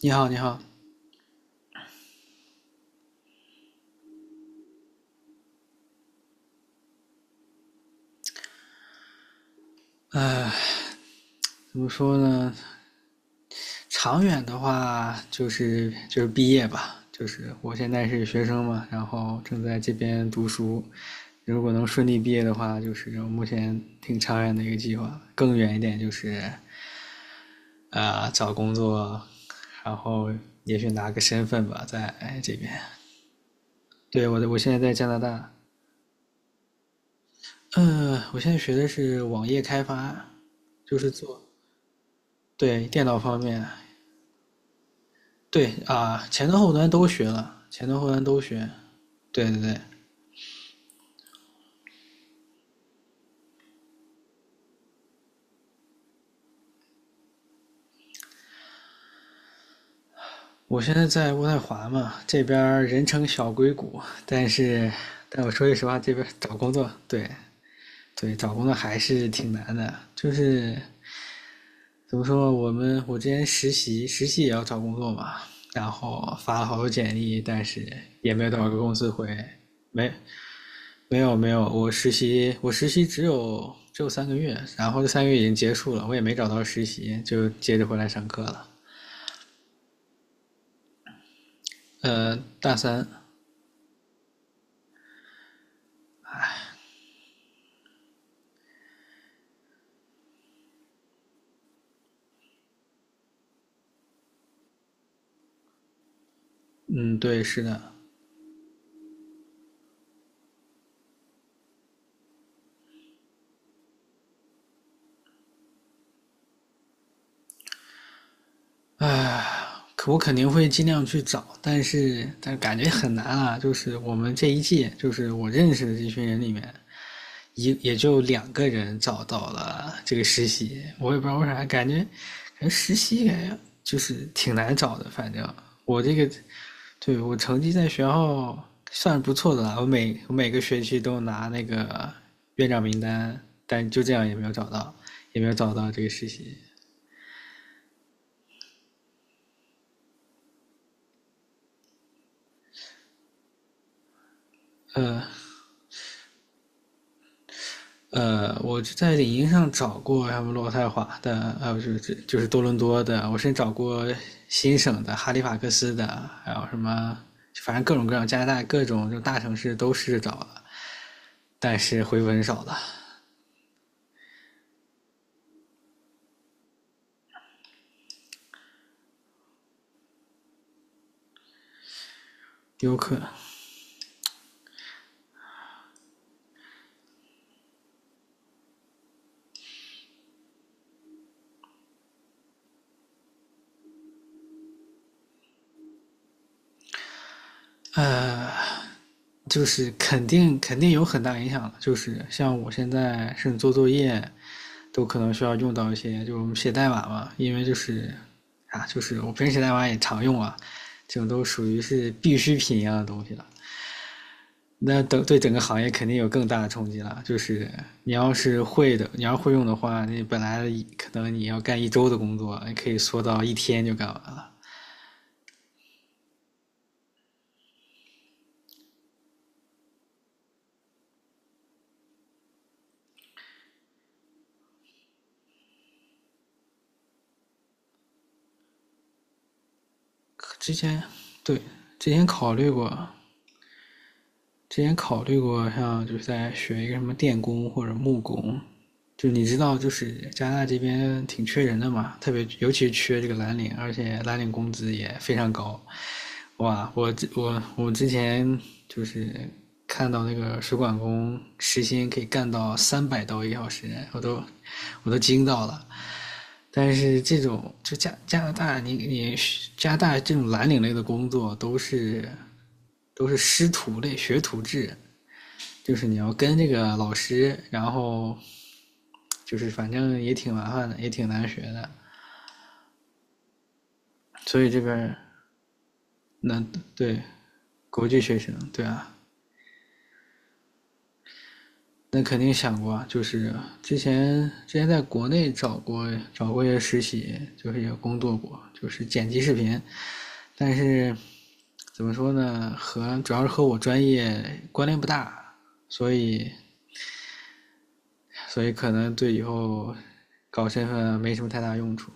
你好，你好。怎么说呢？长远的话，就是毕业吧，就是我现在是学生嘛，然后正在这边读书。如果能顺利毕业的话，就是我目前挺长远的一个计划。更远一点就是，找工作，然后也许拿个身份吧，在这边。对，我现在在加拿大。嗯，我现在学的是网页开发，就是做对，电脑方面。对啊、前端后端都学了，前端后端都学。对对对。我现在在渥太华嘛，这边儿人称小硅谷。但是，但我说句实话，这边儿找工作，对对，找工作还是挺难的。就是怎么说，我之前实习，实习也要找工作嘛，然后发了好多简历，但是也没有多少个公司会。没没有，没有，我实习只有三个月，然后这三个月已经结束了，我也没找到实习，就接着回来上课了。大三。嗯，对，是的。可我肯定会尽量去找，但是感觉很难啊，就是我们这一届，就是我认识的这群人里面，也就两个人找到了这个实习。我也不知道为啥，感觉实习就是挺难找的。反正我这个对，我成绩在学校算不错的了，我每个学期都拿那个院长名单，但就这样也没有找到，这个实习。呃我就在领英上找过什么渥太华的，还有就是多伦多的。我甚至找过新省的哈利法克斯的，还有什么，反正各种各样加拿大各种就大城市都试着找了，但是回文少了，丢课。就是肯定有很大影响的，就是像我现在甚至做作业，都可能需要用到一些，就是我们写代码嘛，因为就是啊，就是我平时写代码也常用啊，这种都属于是必需品一样的东西了。那等对整个行业肯定有更大的冲击了，就是你要是会的，你要会用的话，你本来可能你要干1周的工作，你可以缩到1天就干完了。之前对，之前考虑过，之前考虑过，像就是在学一个什么电工或者木工，就你知道，就是加拿大这边挺缺人的嘛，特别尤其是缺这个蓝领，而且蓝领工资也非常高。哇，我之前就是看到那个水管工时薪可以干到300刀1小时，我都惊到了。但是这种就加拿大，你加拿大这种蓝领类的工作都是师徒类、学徒制，就是你要跟这个老师，然后就是反正也挺麻烦的，也挺难学的。所以这边那对国际学生，对啊。那肯定想过啊，就是之前在国内找过一些实习，就是也工作过，就是剪辑视频。但是怎么说呢，主要是和我专业关联不大，所以所以可能对以后搞身份没什么太大用处。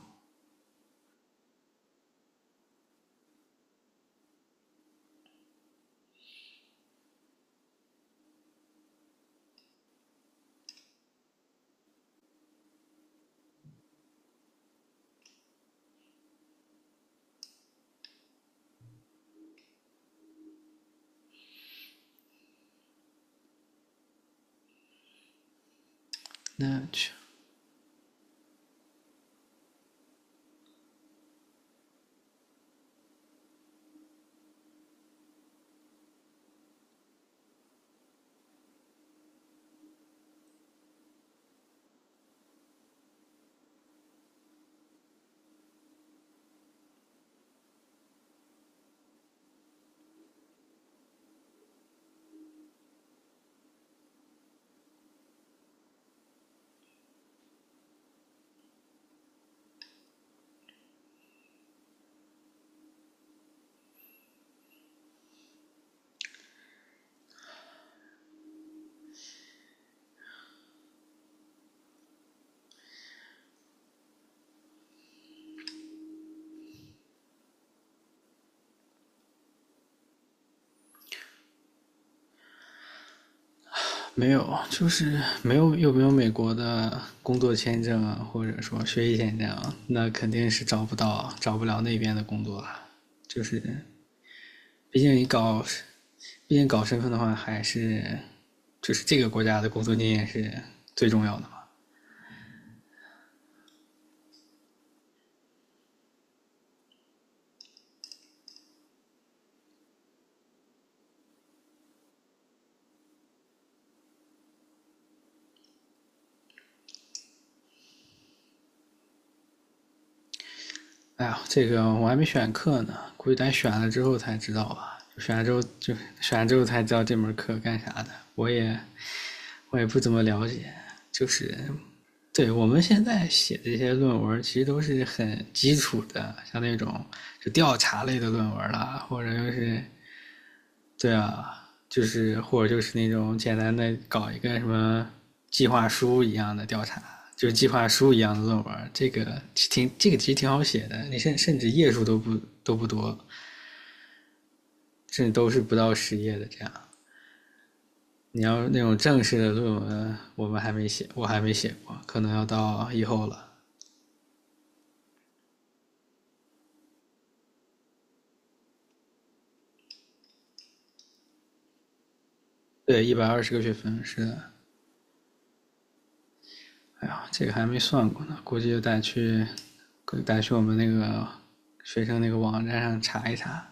那去没有，就是没有美国的工作签证啊，或者说学习签证啊，那肯定是找不到，找不了那边的工作啊。就是，毕竟你搞，毕竟搞身份的话，还是就是这个国家的工作经验是最重要的嘛。哎呀，这个我还没选课呢，估计咱选了之后才知道吧。选了之后才知道这门课干啥的。我也我也不怎么了解，就是对。我们现在写这些论文，其实都是很基础的，像那种就调查类的论文啦，或者就是对啊，就是或者就是那种简单的搞一个什么计划书一样的调查，就是计划书一样的论文。这个挺这个其实挺好写的，你甚至页数都不多，甚至都是不到10页的这样。你要那种正式的论文，我们还没写，我还没写过，可能要到以后了。对，120个学分，是的。哎呀，这个还没算过呢，估计就得去我们那个学生那个网站上查一查。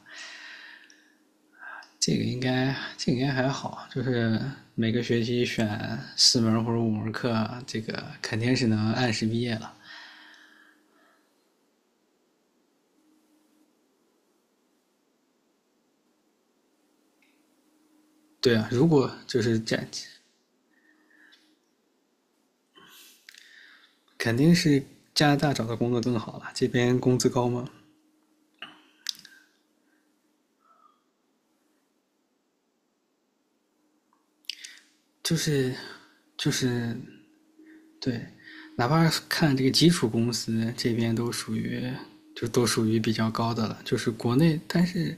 这个应该还好，就是每个学期选四门或者五门课，这个肯定是能按时毕业了。对啊。如果就是这，肯定是加拿大找的工作更好了，这边工资高吗？就是，就是对，哪怕看这个基础公司这边都属于，比较高的了，就是国内，但是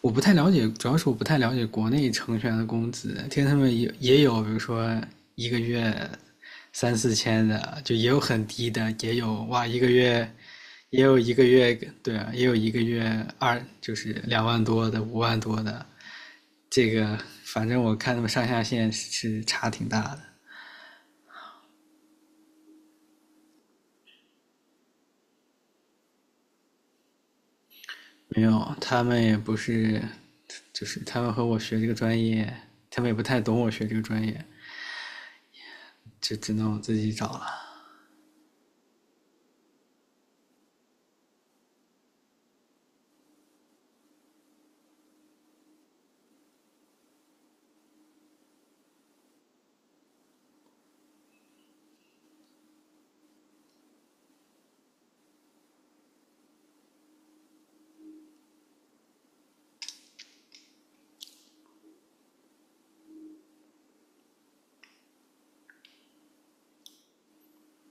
我不太了解，主要是我不太了解国内程序员的工资。听他们也有，比如说一个月三四千的，就也有很低的，也有，哇，一个月，也有一个月，对啊，也有一个月就是2万多的、5万多的。这个反正我看他们上下限是差挺大的。没有，他们也不是，就是他们和我学这个专业，他们也不太懂我学这个专业，就只能我自己找了。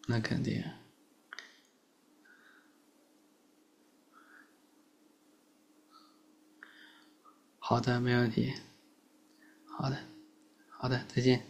那肯定。好的，没问题。好的。好的，再见。